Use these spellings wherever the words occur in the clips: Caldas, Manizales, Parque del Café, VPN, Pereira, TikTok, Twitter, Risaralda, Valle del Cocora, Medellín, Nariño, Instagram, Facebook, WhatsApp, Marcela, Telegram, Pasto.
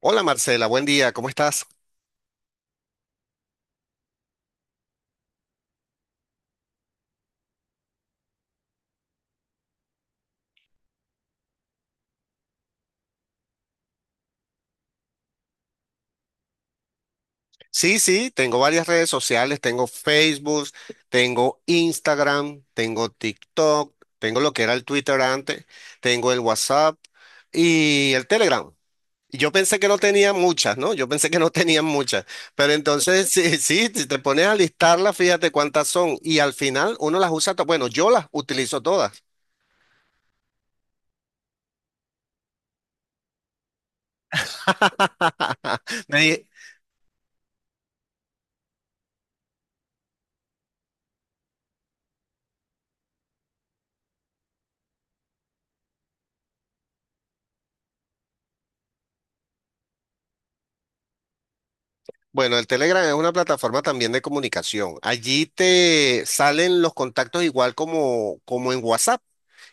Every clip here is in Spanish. Hola Marcela, buen día, ¿cómo estás? Sí, sí, tengo varias redes sociales, tengo Facebook, tengo Instagram, tengo TikTok, tengo lo que era el Twitter antes, tengo el WhatsApp y el Telegram. Yo pensé que no tenía muchas, ¿no? Yo pensé que no tenían muchas, pero entonces sí, sí, si te pones a listarlas, fíjate cuántas son y al final uno las usa, bueno, yo las utilizo todas. Me di- Bueno, el Telegram es una plataforma también de comunicación. Allí te salen los contactos igual como en WhatsApp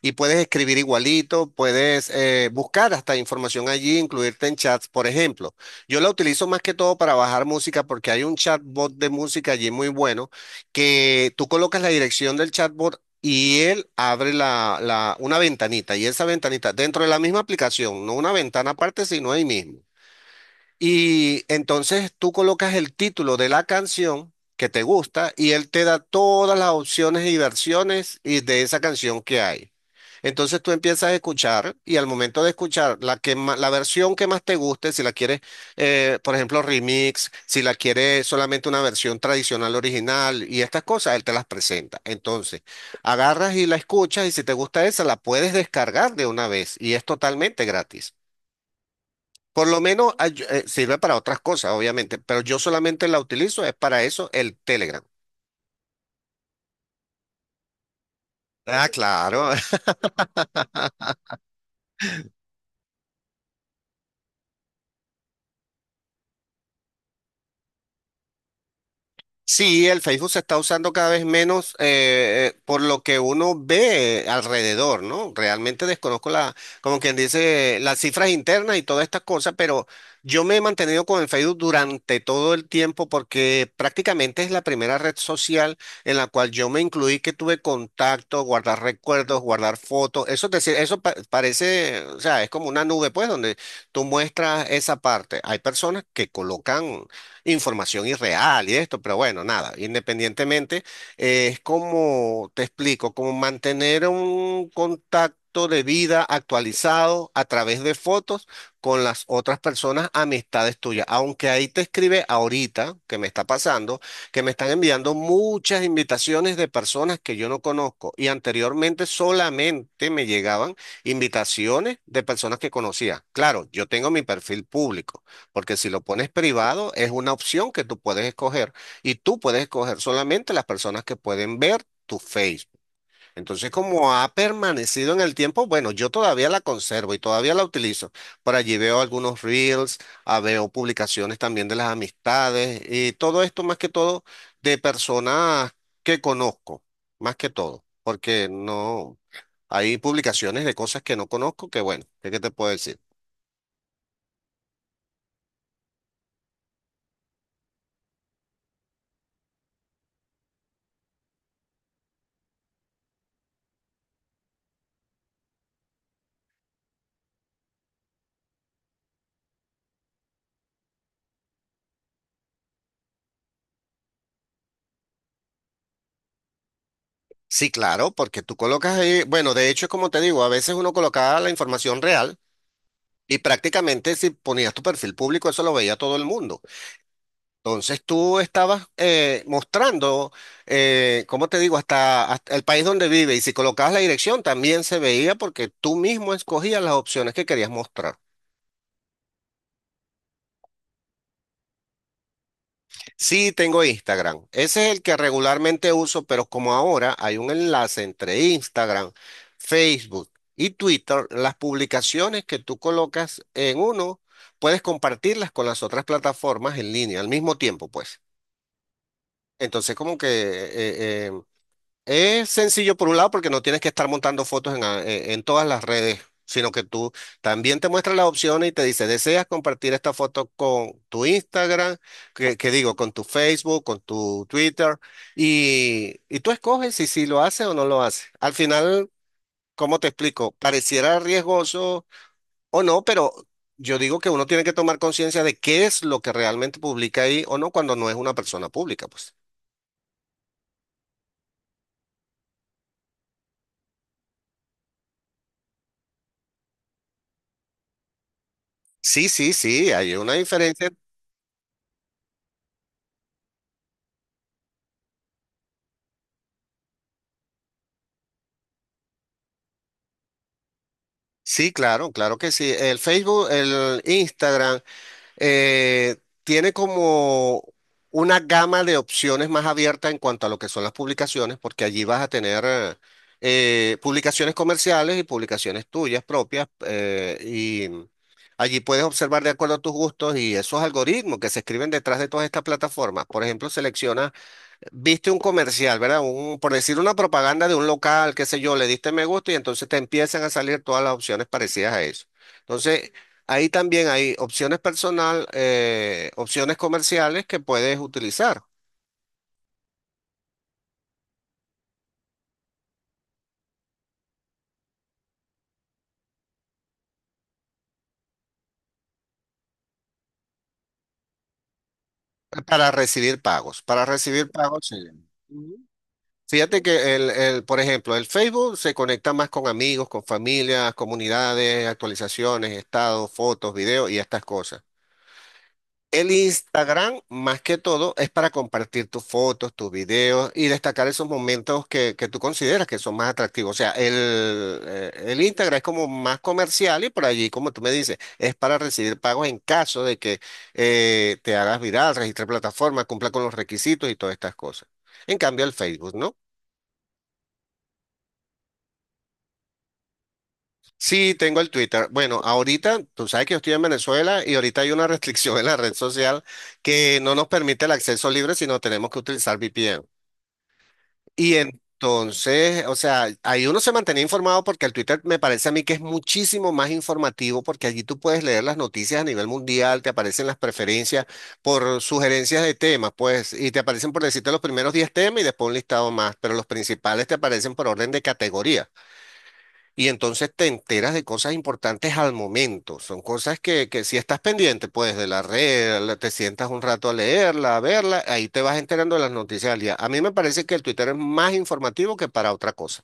y puedes escribir igualito, puedes buscar hasta información allí, incluirte en chats, por ejemplo. Yo la utilizo más que todo para bajar música porque hay un chatbot de música allí muy bueno que tú colocas la dirección del chatbot. Y él abre una ventanita, y esa ventanita dentro de la misma aplicación, no una ventana aparte, sino ahí mismo. Y entonces tú colocas el título de la canción que te gusta y él te da todas las opciones y versiones y de esa canción que hay. Entonces tú empiezas a escuchar y al momento de escuchar la versión que más te guste, si la quieres, por ejemplo, remix, si la quieres solamente una versión tradicional original y estas cosas, él te las presenta. Entonces, agarras y la escuchas y si te gusta esa, la puedes descargar de una vez y es totalmente gratis. Por lo menos sirve para otras cosas, obviamente, pero yo solamente la utilizo, es para eso el Telegram. Ah, claro. Sí, el Facebook se está usando cada vez menos por lo que uno ve alrededor, ¿no? Realmente desconozco la, como quien dice, las cifras internas y todas estas cosas, pero yo me he mantenido con el Facebook durante todo el tiempo porque prácticamente es la primera red social en la cual yo me incluí, que tuve contacto, guardar recuerdos, guardar fotos. Eso es decir, parece, o sea, es como una nube, pues, donde tú muestras esa parte. Hay personas que colocan información irreal y esto, pero bueno, nada, independientemente, es como, te explico, como mantener un contacto de vida actualizado a través de fotos con las otras personas, amistades tuyas, aunque ahí te escribe ahorita, que me está pasando, que me están enviando muchas invitaciones de personas que yo no conozco y anteriormente solamente me llegaban invitaciones de personas que conocía. Claro, yo tengo mi perfil público. Porque si lo pones privado, es una opción que tú puedes escoger y tú puedes escoger solamente las personas que pueden ver tu Facebook. Entonces, como ha permanecido en el tiempo, bueno, yo todavía la conservo y todavía la utilizo. Por allí veo algunos reels, ah, veo publicaciones también de las amistades y todo esto más que todo de personas que conozco, más que todo, porque no hay publicaciones de cosas que no conozco que bueno, ¿qué te puedo decir? Sí, claro, porque tú colocas ahí, bueno, de hecho, como te digo, a veces uno colocaba la información real y prácticamente si ponías tu perfil público, eso lo veía todo el mundo. Entonces tú estabas mostrando, como te digo, hasta el país donde vive y si colocabas la dirección también se veía porque tú mismo escogías las opciones que querías mostrar. Sí, tengo Instagram. Ese es el que regularmente uso, pero como ahora hay un enlace entre Instagram, Facebook y Twitter, las publicaciones que tú colocas en uno, puedes compartirlas con las otras plataformas en línea al mismo tiempo, pues. Entonces, como que es sencillo por un lado porque no tienes que estar montando fotos en todas las redes, sino que tú también te muestra las opciones y te dice, ¿deseas compartir esta foto con tu Instagram? Que digo, con tu Facebook, con tu Twitter. Y tú escoges si, si lo haces o no lo haces. Al final, ¿cómo te explico? Pareciera riesgoso o no, pero yo digo que uno tiene que tomar conciencia de qué es lo que realmente publica ahí o no cuando no es una persona pública, pues. Sí, sí, sí, hay una diferencia. Sí, claro, claro que sí. El Facebook, el Instagram, eh, tiene como una gama de opciones más abierta en cuanto a lo que son las publicaciones, porque allí vas a tener publicaciones comerciales y publicaciones tuyas propias, y allí puedes observar de acuerdo a tus gustos y esos algoritmos que se escriben detrás de todas estas plataformas. Por ejemplo, selecciona. Viste un comercial, ¿verdad? Un, por decir una propaganda de un local, qué sé yo, le diste me gusta y entonces te empiezan a salir todas las opciones parecidas a eso. Entonces, ahí también hay opciones personal, opciones comerciales que puedes utilizar para recibir pagos. Para recibir pagos, sí. Ujú. Fíjate que por ejemplo, el Facebook se conecta más con amigos, con familias, comunidades, actualizaciones, estados, fotos, videos y estas cosas. El Instagram, más que todo, es para compartir tus fotos, tus videos y destacar esos momentos que tú consideras que son más atractivos. O sea, el Instagram es como más comercial y por allí, como tú me dices, es para recibir pagos en caso de que te hagas viral, registres plataforma, cumpla con los requisitos y todas estas cosas. En cambio, el Facebook, ¿no? Sí, tengo el Twitter. Bueno, ahorita, tú sabes que yo estoy en Venezuela y ahorita hay una restricción en la red social que no nos permite el acceso libre, sino tenemos que utilizar VPN. Y entonces, o sea, ahí uno se mantenía informado porque el Twitter me parece a mí que es muchísimo más informativo porque allí tú puedes leer las noticias a nivel mundial, te aparecen las preferencias por sugerencias de temas, pues, y te aparecen por decirte los primeros 10 temas y después un listado más, pero los principales te aparecen por orden de categoría. Y entonces te enteras de cosas importantes al momento. Son cosas que si estás pendiente, pues de la red, te sientas un rato a leerla, a verla, ahí te vas enterando de las noticias del día. A mí me parece que el Twitter es más informativo que para otra cosa.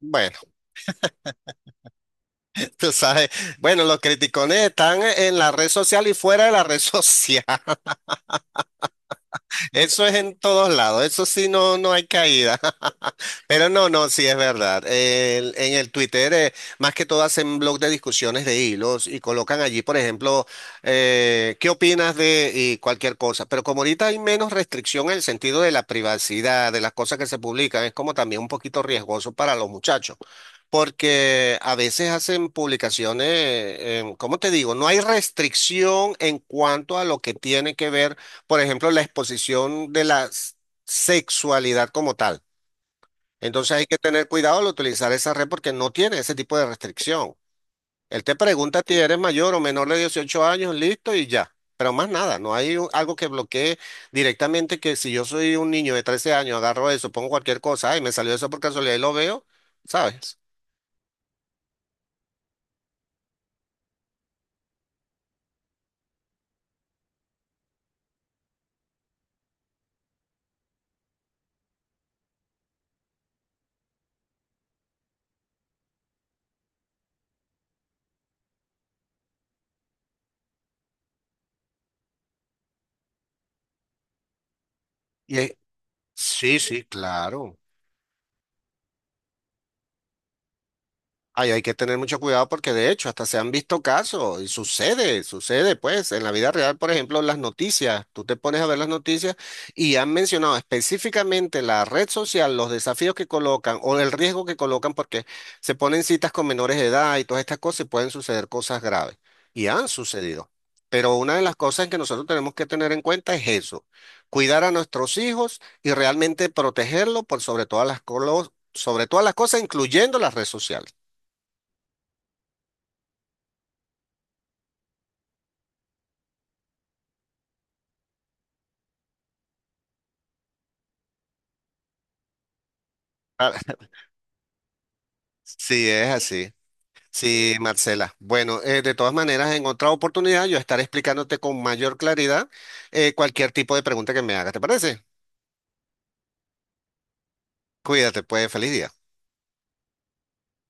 Bueno, tú sabes, bueno, los criticones están en la red social y fuera de la red social. Eso es en todos lados, eso sí no, no hay caída. Pero no, no, sí es verdad. En el Twitter, más que todo hacen blog de discusiones de hilos y colocan allí, por ejemplo, ¿qué opinas de y cualquier cosa? Pero como ahorita hay menos restricción en el sentido de la privacidad, de las cosas que se publican, es como también un poquito riesgoso para los muchachos. Porque a veces hacen publicaciones, ¿cómo te digo? No hay restricción en cuanto a lo que tiene que ver por ejemplo, la exposición de sexualidad como tal. Entonces hay que tener cuidado al utilizar esa red porque no tiene ese tipo de restricción. Él te pregunta si eres mayor o menor de 18 años, listo y ya. Pero más nada, no hay algo que bloquee directamente que si yo soy un niño de 13 años, agarro eso, pongo cualquier cosa, ay, me salió eso por casualidad y lo veo, ¿sabes? Y es- sí, sí, claro. Ay, hay que tener mucho cuidado porque de hecho hasta se han visto casos y sucede, sucede pues en la vida real, por ejemplo, las noticias, tú te pones a ver las noticias y han mencionado específicamente la red social, los desafíos que colocan o el riesgo que colocan porque se ponen citas con menores de edad y todas estas cosas y pueden suceder cosas graves y han sucedido. Pero una de las cosas que nosotros tenemos que tener en cuenta es eso, cuidar a nuestros hijos y realmente protegerlos por sobre todas sobre todas las cosas, incluyendo las redes sociales. Ah, sí, es así. Sí, Marcela. Bueno, de todas maneras, en otra oportunidad yo estaré explicándote con mayor claridad cualquier tipo de pregunta que me hagas. ¿Te parece? Cuídate, pues, feliz día.